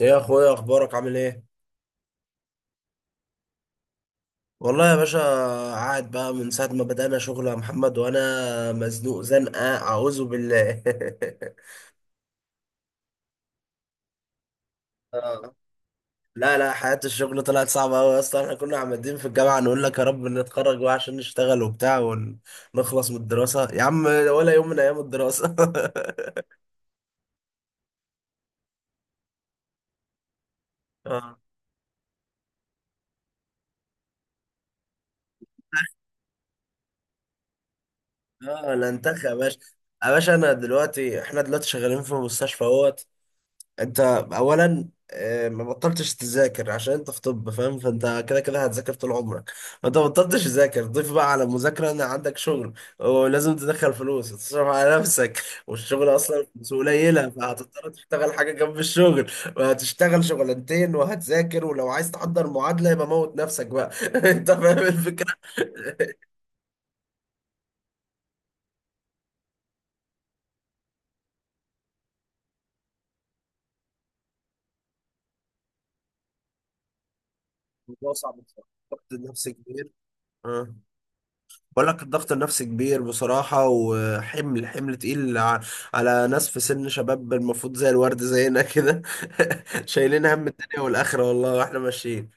ايه يا اخويا، اخبارك؟ عامل ايه؟ والله يا باشا. قاعد بقى من ساعه ما بدأنا شغل يا محمد، وانا مزنوق زنقه اعوذ بالله. اه. لا لا، حياه الشغل طلعت صعبه قوي، اصلا احنا كنا عمالين في الجامعه نقول لك يا رب نتخرج بقى عشان نشتغل وبتاع، ونخلص من الدراسه يا عم، ولا يوم من ايام الدراسه. اه. اه لا، انتخ يا باشا. يا باشا، انا دلوقتي احنا دلوقتي شغالين في مستشفى اهوت. انت اولا ما بطلتش تذاكر عشان انت في طب فاهم، فانت كده كده هتذاكر طول عمرك. فانت ما بطلتش تذاكر، ضيف بقى على المذاكره ان عندك شغل، ولازم تدخل فلوس وتصرف على نفسك، والشغل اصلا فلوسه قليله، فهتضطر تشتغل حاجه جنب الشغل، وهتشتغل شغلانتين وهتذاكر، ولو عايز تحضر معادله يبقى موت نفسك بقى. انت فاهم الفكره؟ الموضوع صعب بصراحه، ضغط نفسي كبير. اه. بقول لك الضغط النفسي كبير بصراحة، وحمل، حمل تقيل على ناس في سن شباب المفروض زي الورد زينا كده. شايلين هم الدنيا والآخرة والله، واحنا ماشيين.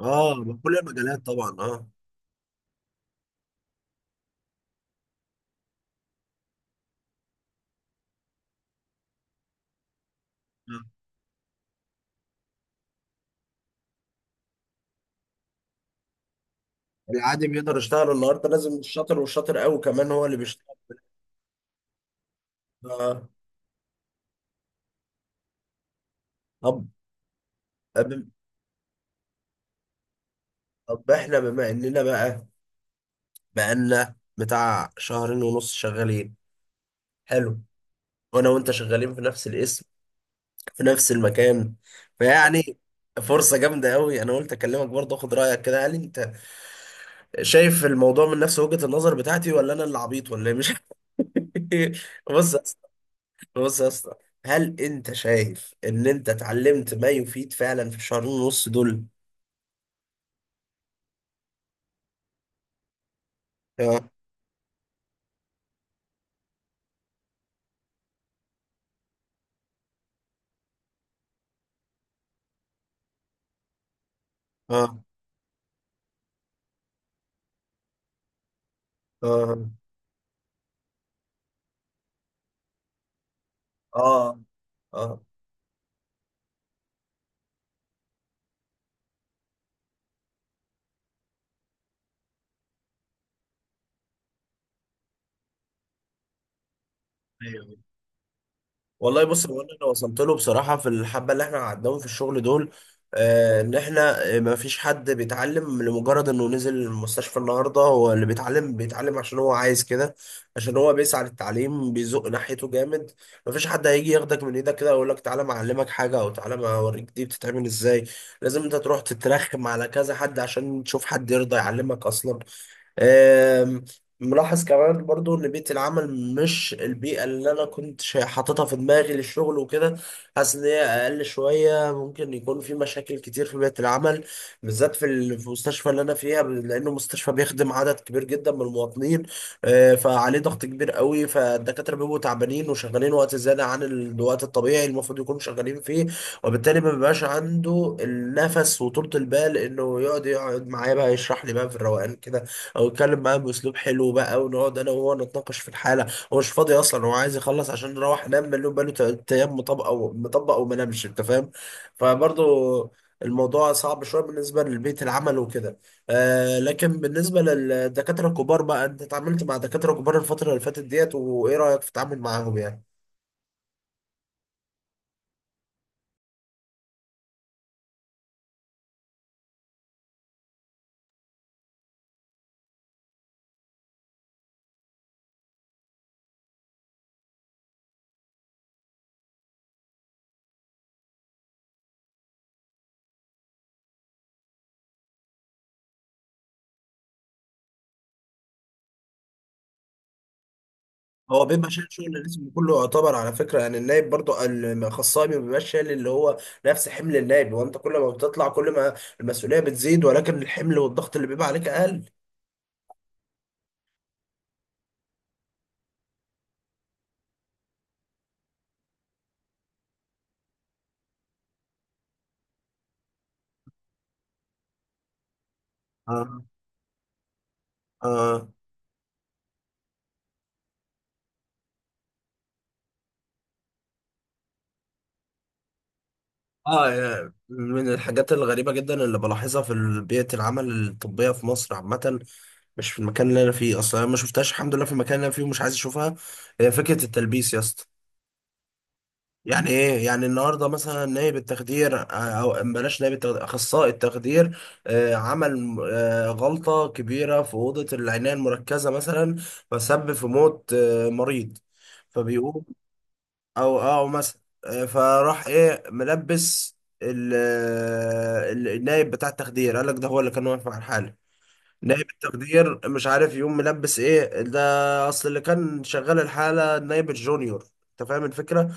اه، بكل المجالات طبعا، اه. العادي بيقدر يشتغل؟ النهارده لازم الشاطر، والشاطر قوي كمان هو اللي بيشتغل. آه. طب. طب. طب احنا بما اننا بقى، بقالنا بتاع شهرين ونص شغالين، حلو. وانا وانت شغالين في نفس الاسم، في نفس المكان، فيعني فرصة جامدة قوي. انا قلت اكلمك برضه، اخد رأيك كده، هل انت شايف الموضوع من نفس وجهة النظر بتاعتي، ولا انا اللي عبيط ولا إيه؟ مش بص يا اسطى. بص يا اسطى، هل انت شايف ان انت اتعلمت ما يفيد فعلا في الشهرين ونص دول؟ اه، اه، اه، اه، اه. أيوه. والله بص، هو انا اللي وصلت له بصراحه في الحبه اللي احنا قعدناهم في الشغل دول ان احنا ما فيش حد بيتعلم لمجرد انه نزل المستشفى. النهارده هو اللي بيتعلم، بيتعلم عشان هو عايز كده، عشان هو بيسعى للتعليم بيزق ناحيته جامد. ما فيش حد هيجي ياخدك من ايدك كده ويقول لك تعالى ما اعلمك حاجه، او تعالى ما اوريك دي بتتعمل ازاي. لازم انت تروح تترخم على كذا حد عشان تشوف حد يرضى يعلمك اصلا. آم، ملاحظ كمان برضو ان بيئة العمل مش البيئة اللي انا كنت حاططها في دماغي للشغل وكده. حاسس ان هي اقل شوية، ممكن يكون في مشاكل كتير في بيئة العمل، بالذات في المستشفى اللي انا فيها لانه مستشفى بيخدم عدد كبير جدا من المواطنين. فعليه ضغط كبير قوي، فالدكاترة بيبقوا تعبانين وشغالين وقت زيادة عن الوقت الطبيعي المفروض يكونوا شغالين فيه، وبالتالي ما بيبقاش عنده النفس وطولة البال انه يقعد يقعد معايا بقى يشرح لي بقى في الروقان كده، او يتكلم معاه باسلوب حلو بقى ونقعد انا وهو نتناقش في الحاله. هو مش فاضي اصلا، هو عايز يخلص عشان نروح انام مليون، بقاله تلات ايام مطبق او مطبق وما نامش، انت فاهم. فبرضه الموضوع صعب شويه بالنسبه لبيئه العمل وكده. آه، لكن بالنسبه للدكاتره الكبار بقى، انت اتعاملت مع دكاتره كبار الفتره اللي فاتت ديت، وايه رايك في التعامل معاهم يعني؟ هو بيبقى شايل شغل الاسم كله يعتبر على فكره، يعني النايب برضو، الخصائي ما بيبقاش شايل اللي هو نفس حمل النايب. هو انت كل ما بتطلع، كل ما المسؤوليه بتزيد، ولكن الحمل والضغط اللي بيبقى عليك اقل. اه، اه. اه، يا- من الحاجات الغريبة جدا اللي بلاحظها بيئة العمل الطبية في مصر عامة، مش في المكان اللي أنا فيه. أصلا أنا ما شفتهاش الحمد لله في المكان اللي أنا فيه، ومش عايز أشوفها. هي فكرة التلبيس يا اسطى. يعني ايه؟ يعني النهارده مثلا نائب التخدير او بلاش نائب التخدير، اخصائي التخدير عمل غلطه كبيره في اوضه العنايه المركزه مثلا، فسبب في موت مريض. فبيقوم، او او مثلا فراح ايه ملبس النائب بتاع التخدير، قال لك ده هو اللي كان واقف على الحاله. نائب التخدير مش عارف يقوم ملبس ايه ده، اصل اللي كان شغال الحاله النائب الجونيور. انت فاهم الفكره؟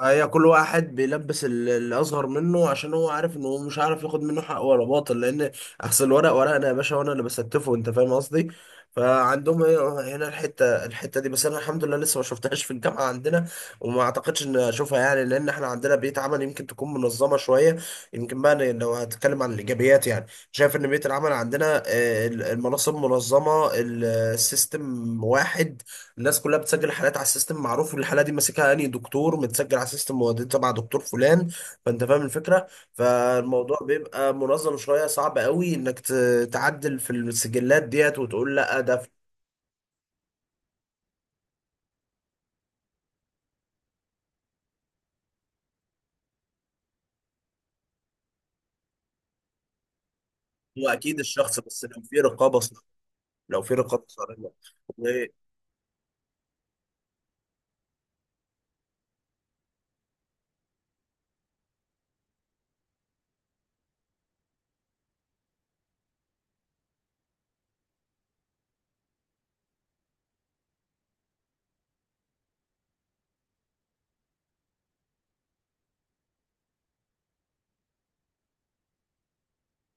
هي كل واحد بيلبس اللي اصغر منه، عشان هو عارف ان هو مش عارف ياخد منه حق ولا باطل، لان اصل الورق ورقنا يا باشا، وانا اللي بستفه، انت فاهم قصدي. فعندهم هنا الحته، الحته دي. بس انا الحمد لله لسه ما شفتهاش في الجامعه عندنا، وما اعتقدش ان اشوفها يعني، لان احنا عندنا بيئه عمل يمكن تكون منظمه شويه. يمكن بقى أنا لو هتكلم عن الايجابيات يعني، شايف ان بيئه العمل عندنا المناصب منظمه، السيستم واحد. الناس كلها بتسجل الحالات على السيستم معروف، والحاله دي ماسكها انهي دكتور متسجل على السيستم مودي تبع دكتور فلان، فانت فاهم الفكره. فالموضوع بيبقى منظم شويه، صعب قوي تعدل في السجلات ديت وتقول لا ده هو اكيد الشخص، بس لو في رقابه صح، لو في رقابه صارمه. و-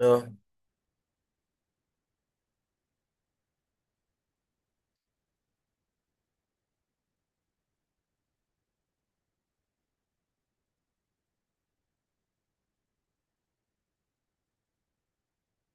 اه،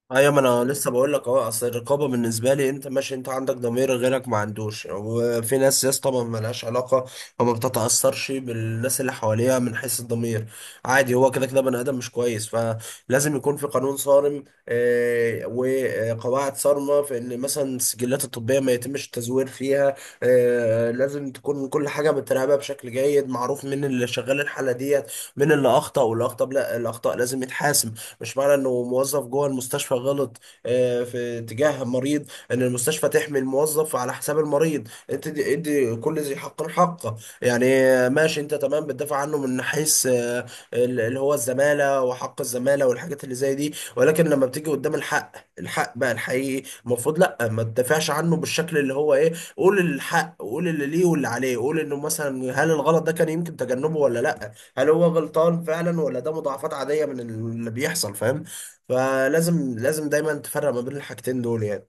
ايوه ما انا لسه بقول لك اهو، اصل الرقابه بالنسبه لي، انت ماشي انت عندك ضمير، غيرك ما عندوش. وفي ناس يا اسطى ما لهاش علاقه، او ما بتتاثرش بالناس اللي حواليها من حيث الضمير. عادي، هو كده كده بني ادم مش كويس، فلازم يكون في قانون صارم وقواعد صارمه في ان مثلا السجلات الطبيه ما يتمش التزوير فيها. لازم تكون كل حاجه متراقبه بشكل جيد، معروف مين اللي شغال الحاله ديت، مين اللي اخطا. والاخطاء، لا الاخطاء لازم يتحاسب. مش معنى انه موظف جوه المستشفى غلط في تجاه مريض ان المستشفى تحمي الموظف على حساب المريض. انت ادي ادي كل ذي حق حقه، يعني ماشي انت تمام بتدافع عنه من حيث اللي هو الزمالة وحق الزمالة والحاجات اللي زي دي. ولكن لما بتيجي قدام الحق، الحق بقى الحقيقي المفروض لا ما تدافعش عنه بالشكل اللي هو ايه، قول الحق، قول اللي ليه واللي عليه، قول انه مثلا هل الغلط ده كان يمكن تجنبه ولا لا، هل هو غلطان فعلا ولا ده مضاعفات عادية من اللي بيحصل فاهم. فلازم لازم دايما تفرق ما بين الحاجتين دول يعني.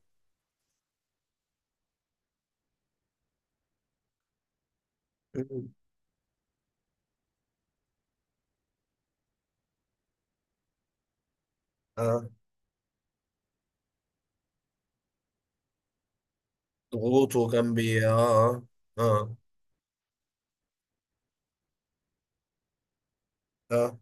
مم. اه، ضغوط وجنبي اه. اه، اه، اه,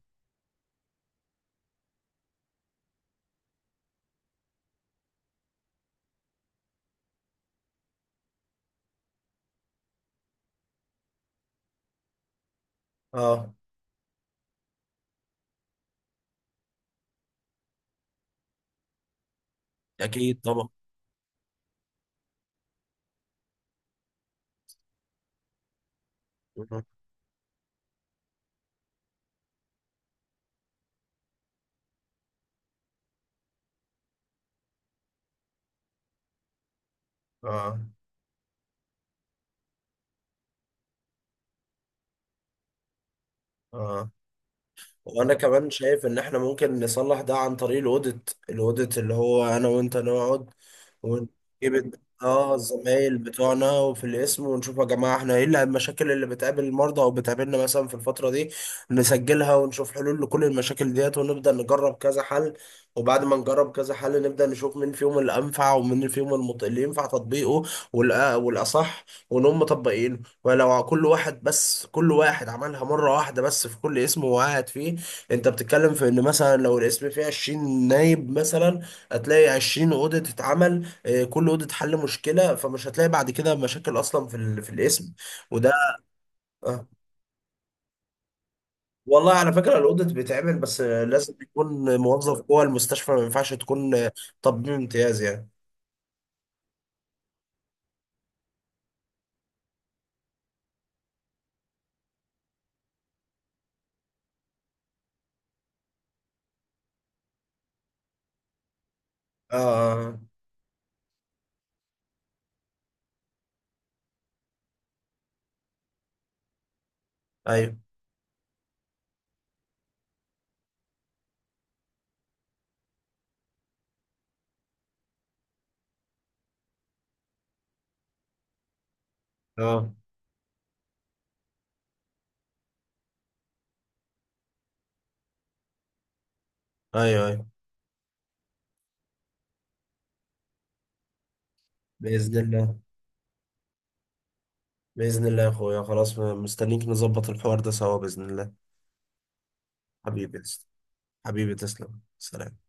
آه. اكيد طبعا. مم. اه، اه. وانا كمان شايف ان احنا ممكن نصلح ده عن طريق الاوديت. الاوديت اللي هو انا وانت نقعد ونجيب اه الزمايل بتوعنا وفي الاسم، ونشوف يا جماعه احنا ايه المشاكل اللي بتقابل المرضى او بتقابلنا مثلا في الفتره دي. نسجلها ونشوف حلول لكل المشاكل ديت، ونبدا نجرب كذا حل. وبعد ما نجرب كذا حل نبدا نشوف مين فيهم اللي انفع، ومين فيهم اللي ينفع تطبيقه والاصح، ونقوم مطبقينه. ولو كل واحد بس، كل واحد عملها مره واحده بس في كل اسم وقعد فيه، انت بتتكلم في ان مثلا لو القسم فيه 20 نايب مثلا، هتلاقي 20 اوضه تتعمل اه، كل اوضه حل مشكله، فمش هتلاقي بعد كده مشاكل اصلا في القسم. وده... اه. والله على فكره الاوديت بيتعمل، بس اه، لازم يكون موظف جوه المستشفى، ما ينفعش تكون اه، طبيب امتياز يعني. اه، اه، اه. ايوه. اه، ايوه ايوه. باذن الله. باذن الله يا اخويا، خلاص مستنيك نظبط الحوار ده سوا باذن الله. حبيبي تسلم، حبيبي تسلم سلام.